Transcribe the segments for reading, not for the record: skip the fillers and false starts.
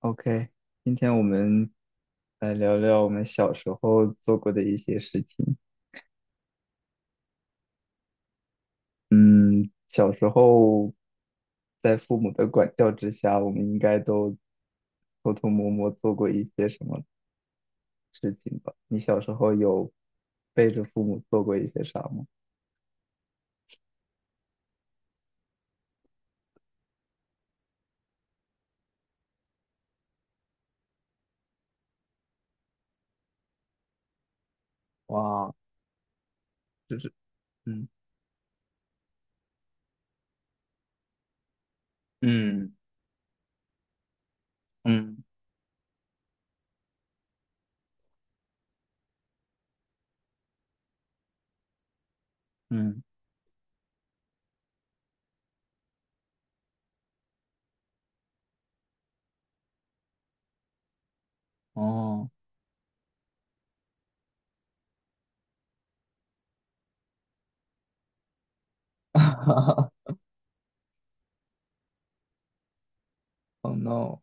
OK，今天我们来聊聊我们小时候做过的一些事情。嗯，小时候在父母的管教之下，我们应该都偷偷摸摸做过一些什么事情吧？你小时候有背着父母做过一些啥吗？哇，就是嗯，嗯嗯嗯，哦 ，Oh no，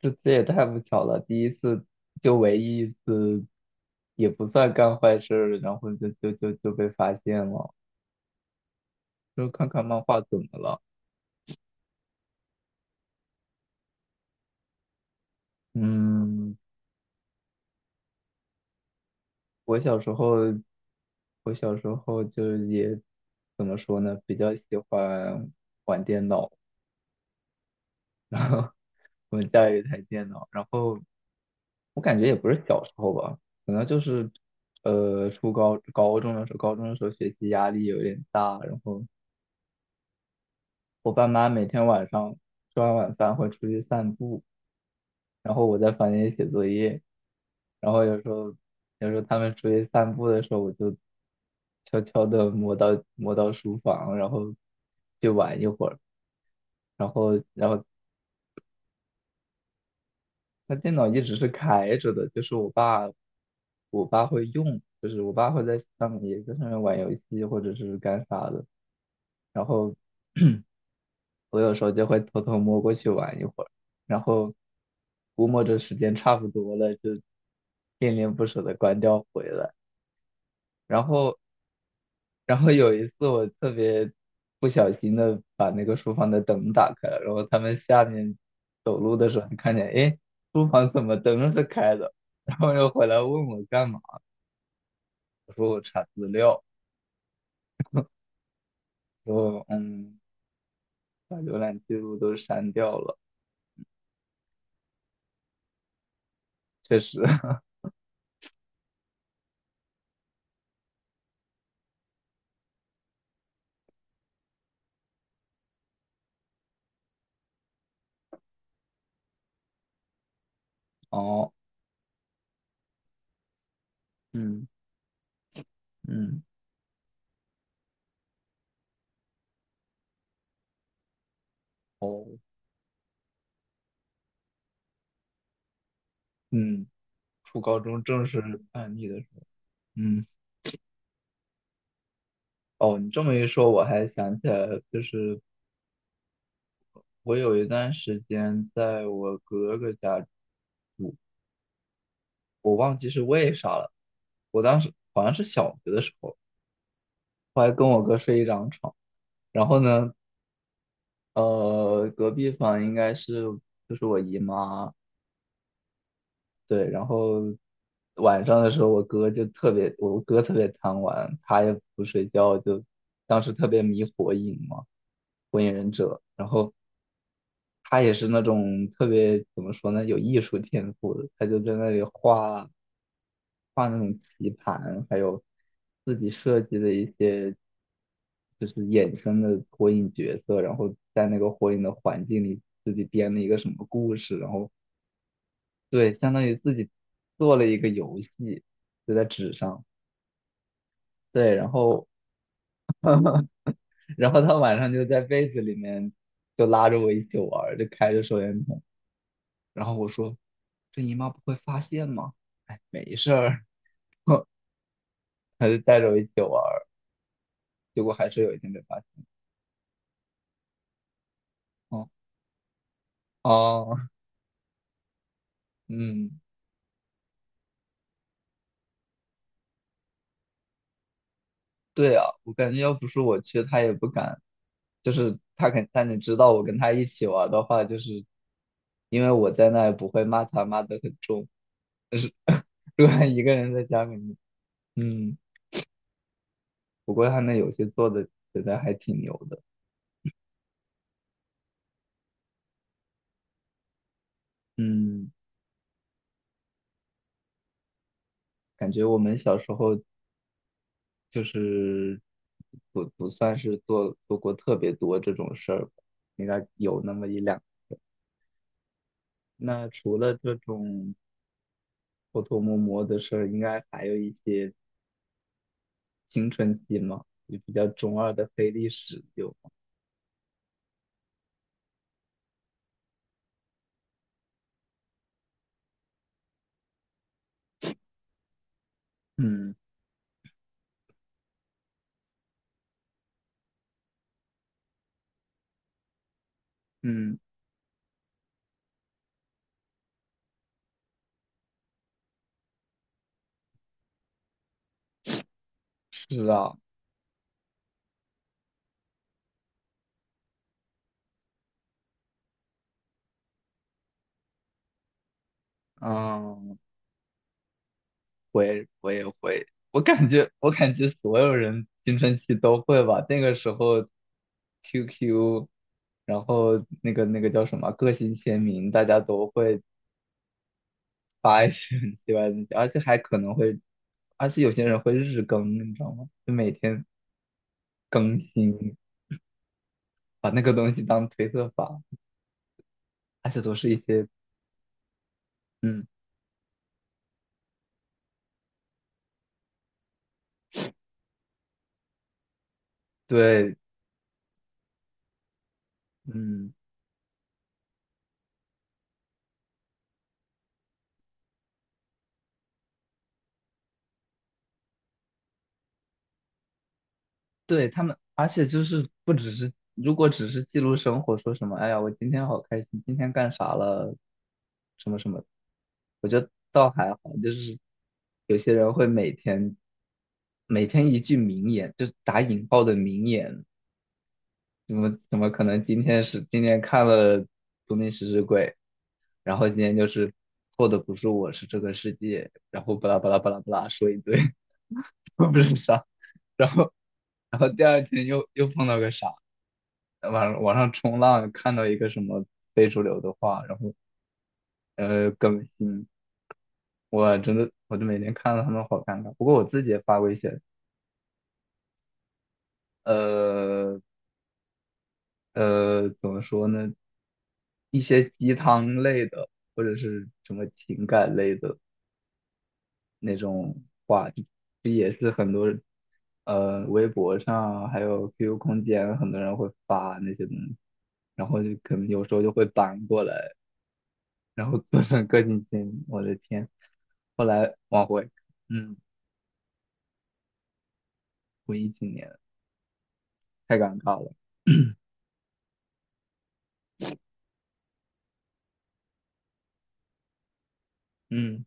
这也太不巧了，第一次就唯一一次，也不算干坏事儿，然后就被发现了。就看看漫画怎么了？嗯，我小时候，我小时候就是也怎么说呢，比较喜欢玩电脑，然后我们家有一台电脑，然后我感觉也不是小时候吧，可能就是初高中的时候，高中的时候学习压力有点大，然后。我爸妈每天晚上吃完晚饭会出去散步，然后我在房间里写作业，然后有时候他们出去散步的时候，我就悄悄的摸到书房，然后去玩一会儿，然后他电脑一直是开着的，就是我爸会用，就是我爸会在上面也在上面玩游戏或者是干啥的，然后 我有时候就会偷偷摸过去玩一会儿，然后估摸着时间差不多了，就恋恋不舍的关掉回来。然后，然后有一次我特别不小心的把那个书房的灯打开了，然后他们下面走路的时候就看见，诶，书房怎么灯是开的？然后又回来问我干嘛，我说我查资料，说嗯，把浏览记录都删掉了。确实，哦，嗯嗯哦嗯。初高中正式叛逆的时候。嗯，哦，你这么一说，我还想起来了，就是我有一段时间在我哥哥家住，我忘记是为啥了。我当时好像是小学的时候，我还跟我哥睡一张床。然后呢，隔壁房应该是就是我姨妈，对。然后晚上的时候，我哥特别贪玩，他也不睡觉，就当时特别迷火影嘛，火影忍者。然后他也是那种特别怎么说呢，有艺术天赋的，他就在那里画那种棋盘，还有自己设计的一些就是衍生的火影角色，然后在那个火影的环境里自己编了一个什么故事，然后对，相当于自己做了一个游戏，就在纸上，对，然后 然后他晚上就在被子里面就拉着我一起玩儿，就开着手电筒。然后我说这姨妈不会发现吗？哎，没事儿，还是带着我一起玩儿。结果还是有一天被发现。哦哦，嗯，对啊，我感觉要不是我去，他也不敢。他能知道我跟他一起玩的话，就是因为我在那也不会骂他骂得很重。但是 如果他一个人在家里面，嗯，不过他那游戏做的觉得还挺牛的。嗯，感觉我们小时候就是不算是做过特别多这种事儿吧，应该有那么一两。那除了这种偷偷摸摸的事儿，应该还有一些青春期嘛，就比较中二的黑历史有吗？嗯嗯，是啊，嗯，我也会，我感觉所有人青春期都会吧，那个时候 QQ。然后那个叫什么个性签名，大家都会发一些很奇怪的东西，而且还可能会，而且有些人会日更，你知道吗？就每天更新，把那个东西当推特发，而且都是一些，嗯，对，嗯，对他们，而且就是不只是，如果只是记录生活，说什么，哎呀，我今天好开心，今天干啥了，什么什么，我觉得倒还好，就是有些人会每天一句名言，就是打引号的名言。怎么可能今天看了《东京食尸鬼》，然后今天就是错的不是我，是这个世界，然后巴拉巴拉巴拉巴拉说一堆，我不是啥，然后然后第二天又碰到个啥，网上冲浪看到一个什么非主流的话，然后更新，我真的我就每天看到他们好尴尬，不过我自己也发过一些，呃怎么说呢，一些鸡汤类的，或者是什么情感类的那种话，这也是很多微博上还有 QQ 空间很多人会发那些东西，然后就可能有时候就会搬过来，然后做成个性签名，我的天！后来往回，嗯，回忆起年，太尴尬了。嗯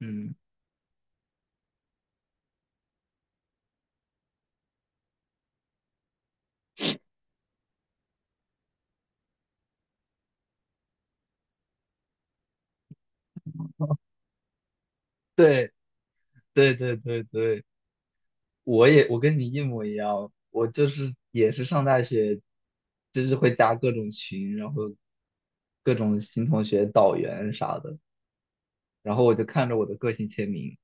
嗯，对对对，我跟你一模一样，我就是也是上大学，就是会加各种群，然后各种新同学导员啥的，然后我就看着我的个性签名，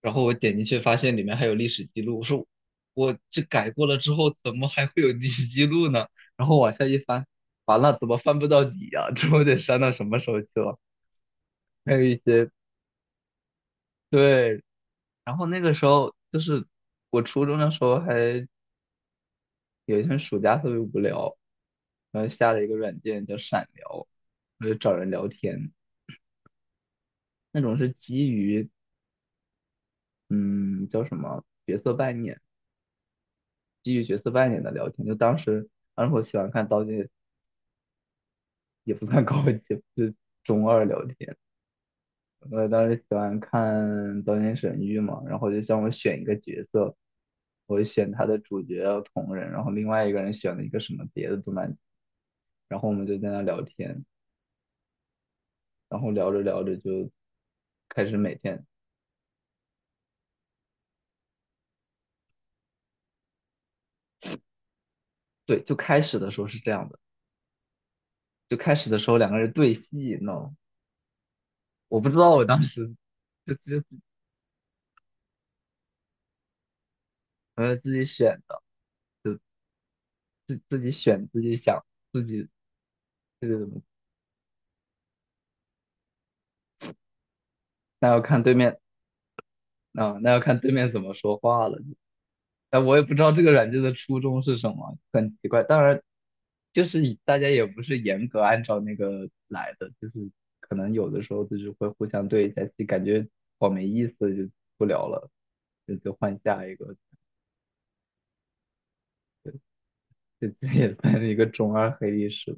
然后我点进去发现里面还有历史记录，我说我这改过了之后怎么还会有历史记录呢？然后往下一翻，完了怎么翻不到底呀、这我得删到什么时候去了？还有一些对，然后那个时候就是我初中的时候还。有一天暑假特别无聊，然后下了一个软件叫闪聊，我就找人聊天，那种是基于嗯叫什么角色扮演，基于角色扮演的聊天。就当时当时我喜欢看《刀剑》，也不算高级，就是中二聊天。我当时喜欢看《刀剑神域》嘛，然后就让我选一个角色，我选他的主角要同人，然后另外一个人选了一个什么别的动漫，然后我们就在那聊天。然后聊着聊着就开始每天，对，就开始的时候是这样的，就开始的时候两个人对戏，你知道吗？我不知道我当时就就呃自己选的，就自己选自己想自己这个怎么，那要看对面啊，那要看对面怎么说话了。哎，我也不知道这个软件的初衷是什么，很奇怪。当然，就是以大家也不是严格按照那个来的，就是可能有的时候就是会互相对一下就感觉好没意思，就不聊了，就换下一个，这 也算是一个中二黑历史。